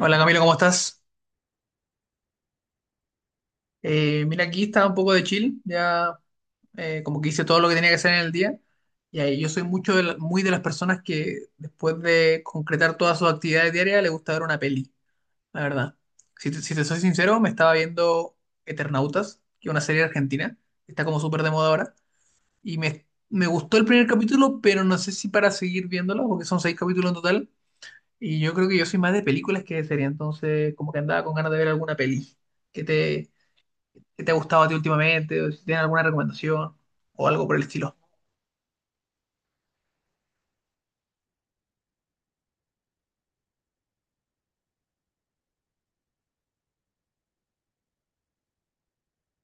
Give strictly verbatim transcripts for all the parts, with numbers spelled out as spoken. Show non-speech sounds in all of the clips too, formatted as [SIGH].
Hola, Camilo, ¿cómo estás? Eh, mira, aquí estaba un poco de chill, ya eh, como que hice todo lo que tenía que hacer en el día. Y ahí yo soy mucho de la- muy de las personas que después de concretar todas sus actividades diarias le gusta ver una peli, la verdad. Si te, si te soy sincero, me estaba viendo Eternautas, que es una serie argentina, que está como súper de moda ahora. Y me, me gustó el primer capítulo, pero no sé si para seguir viéndola, porque son seis capítulos en total. Y yo creo que yo soy más de películas que de serie, entonces como que andaba con ganas de ver alguna peli. ¿Qué te, si te ha gustado a ti últimamente, o si tienes alguna recomendación, o algo por el estilo.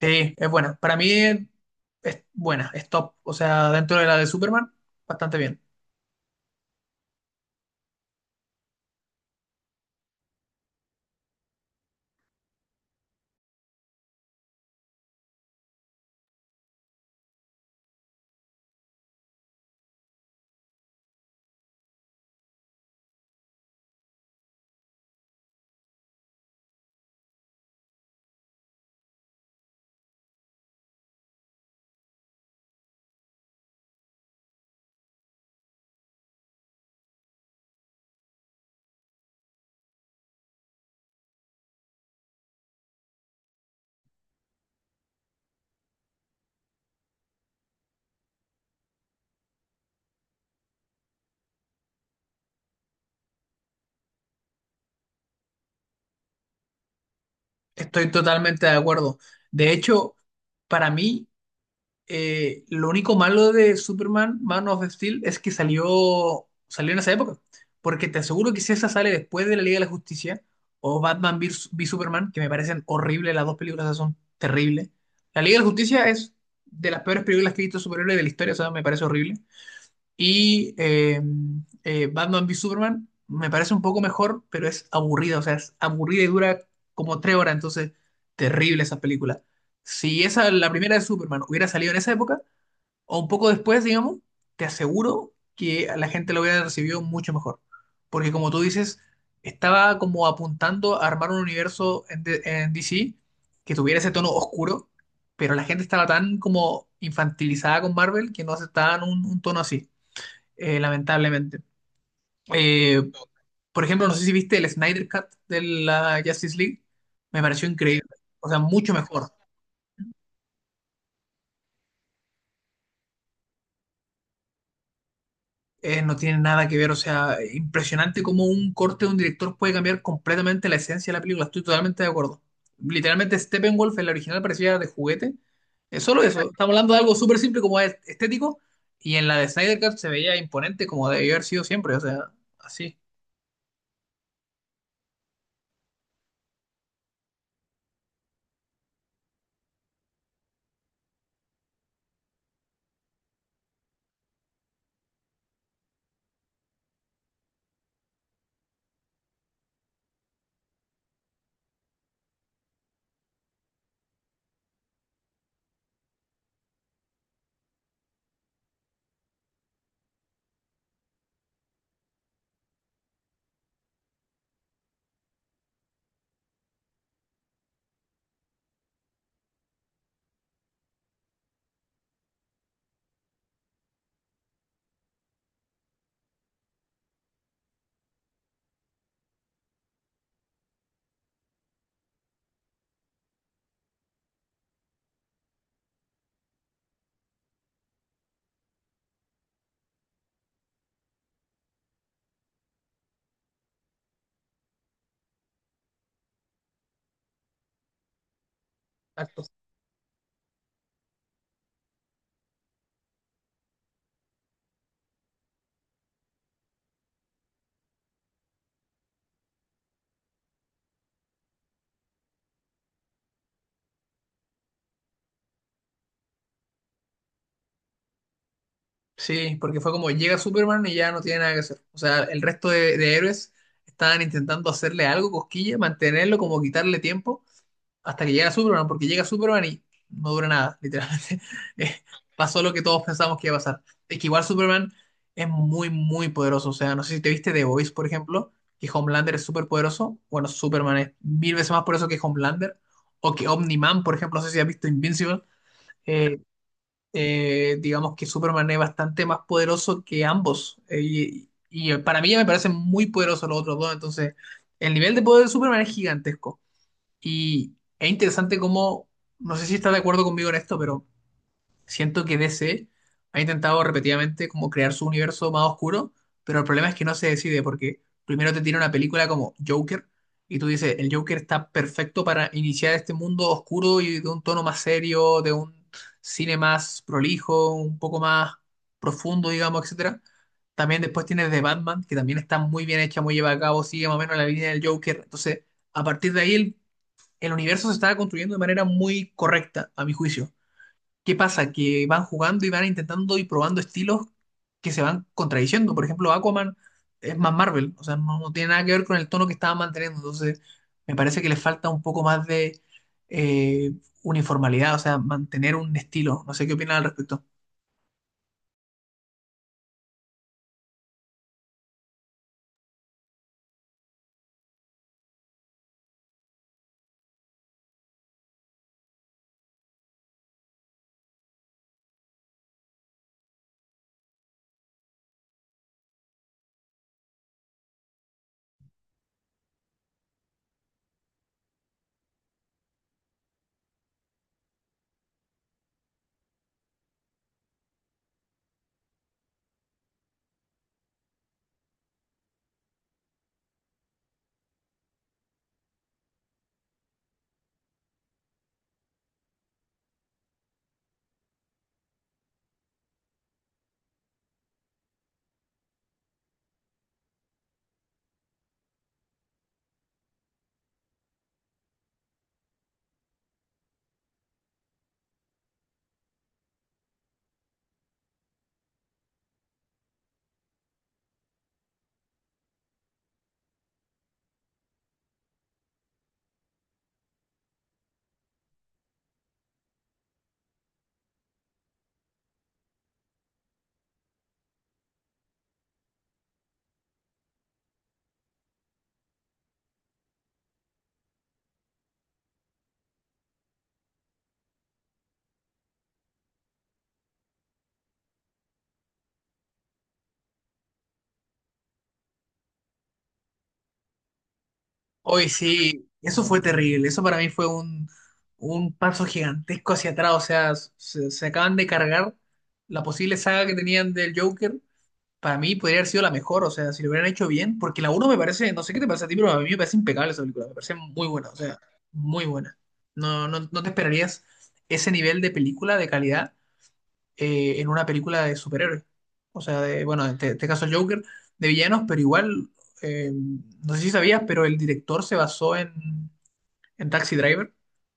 Sí, es buena. Para mí es buena, es top. O sea, dentro de la de Superman, bastante bien. Estoy totalmente de acuerdo. De hecho, para mí, Eh, lo único malo de Superman, Man of Steel, es que salió, salió en esa época. Porque te aseguro que si esa sale después de la Liga de la Justicia o Batman v, v Superman, que me parecen horribles, las dos películas esas son terribles. La Liga de la Justicia es de las peores películas que he visto de superhéroes de la historia, o sea, me parece horrible. Y eh, eh, Batman v Superman me parece un poco mejor, pero es aburrida, o sea, es aburrida y dura como tres horas, entonces terrible esa película. Si esa, la primera de Superman hubiera salido en esa época, o un poco después, digamos, te aseguro que a la gente lo hubiera recibido mucho mejor. Porque como tú dices, estaba como apuntando a armar un universo en, D- en D C que tuviera ese tono oscuro, pero la gente estaba tan como infantilizada con Marvel que no aceptaban un, un tono así, eh, lamentablemente. Eh, por ejemplo, no sé si viste el Snyder Cut de la Justice League, me pareció increíble, o sea, mucho mejor. Eh, no tiene nada que ver, o sea, impresionante cómo un corte de un director puede cambiar completamente la esencia de la película, estoy totalmente de acuerdo. Literalmente Steppenwolf, el original, parecía de juguete, es solo eso, estamos hablando de algo súper simple como es- estético, y en la de Snyder Cut se veía imponente como debió haber sido siempre, o sea, así. Exacto. Sí, porque fue como llega Superman y ya no tiene nada que hacer. O sea, el resto de, de héroes estaban intentando hacerle algo, cosquilla, mantenerlo, como quitarle tiempo. Hasta que llega Superman, porque llega Superman y no dura nada, literalmente. [LAUGHS] Eh, pasó lo que todos pensamos que iba a pasar. Es que igual Superman es muy, muy poderoso. O sea, no sé si te viste The Voice, por ejemplo, que Homelander es súper poderoso. Bueno, Superman es mil veces más poderoso que Homelander. O que Omni-Man, por ejemplo, no sé si has visto Invincible. Eh, eh, digamos que Superman es bastante más poderoso que ambos. Eh, y, y para mí ya me parecen muy poderosos los otros dos. Entonces, el nivel de poder de Superman es gigantesco. Y es interesante cómo, no sé si estás de acuerdo conmigo en esto, pero siento que D C ha intentado repetidamente como crear su universo más oscuro, pero el problema es que no se decide porque primero te tira una película como Joker y tú dices, el Joker está perfecto para iniciar este mundo oscuro y de un tono más serio, de un cine más prolijo, un poco más profundo, digamos, etcétera. También después tienes The Batman, que también está muy bien hecha, muy lleva a cabo, sigue más o menos la línea del Joker. Entonces, a partir de ahí el el universo se estaba construyendo de manera muy correcta, a mi juicio. ¿Qué pasa? Que van jugando y van intentando y probando estilos que se van contradiciendo. Por ejemplo, Aquaman es más Marvel, o sea, no, no tiene nada que ver con el tono que estaba manteniendo. Entonces, me parece que le falta un poco más de eh, uniformidad, o sea, mantener un estilo. No sé qué opinan al respecto. Hoy sí, eso fue terrible. Eso para mí fue un, un paso gigantesco hacia atrás. O sea, se, se acaban de cargar la posible saga que tenían del Joker. Para mí podría haber sido la mejor, o sea, si lo hubieran hecho bien, porque la uno me parece, no sé qué te parece a ti, pero a mí me parece impecable esa película, me parece muy buena, o sea, muy buena. No, no, no te esperarías ese nivel de película, de calidad, eh, en una película de superhéroes. O sea, de, bueno, en este, este caso Joker, de villanos, pero igual, eh, no sé si sabías, pero el director se basó en, en Taxi Driver,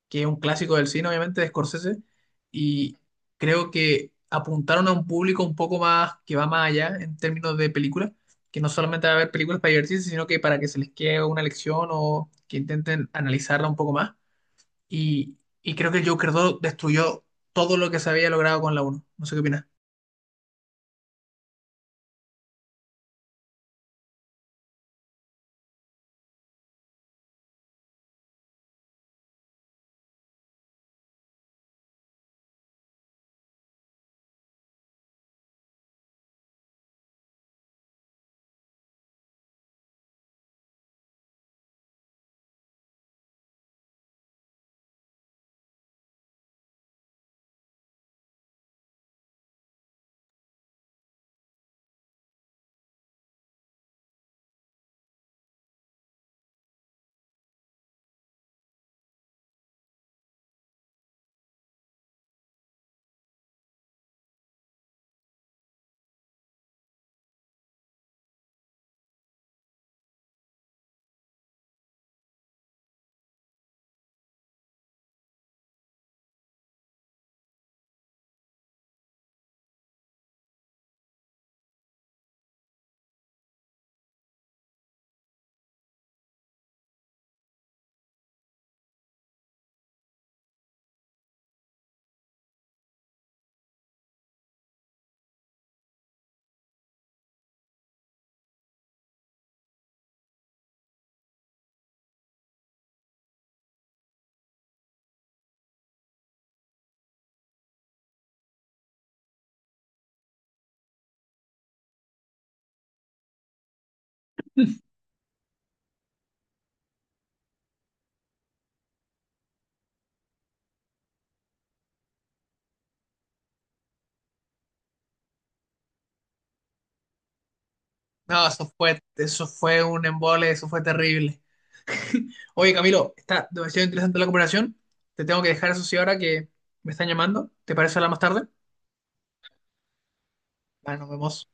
que es un clásico del cine, obviamente, de Scorsese, y creo que apuntaron a un público un poco más que va más allá en términos de películas, que no solamente va a ver películas para divertirse, sino que para que se les quede una lección o que intenten analizarla un poco más. Y, y creo que el Joker dos destruyó todo lo que se había logrado con la uno. No sé qué opinas. No, eso fue, eso fue un embole, eso fue terrible. Oye, Camilo, está demasiado interesante la conversación. Te tengo que dejar eso sí ahora que me están llamando. ¿Te parece hablar más tarde? Bueno, nos vemos.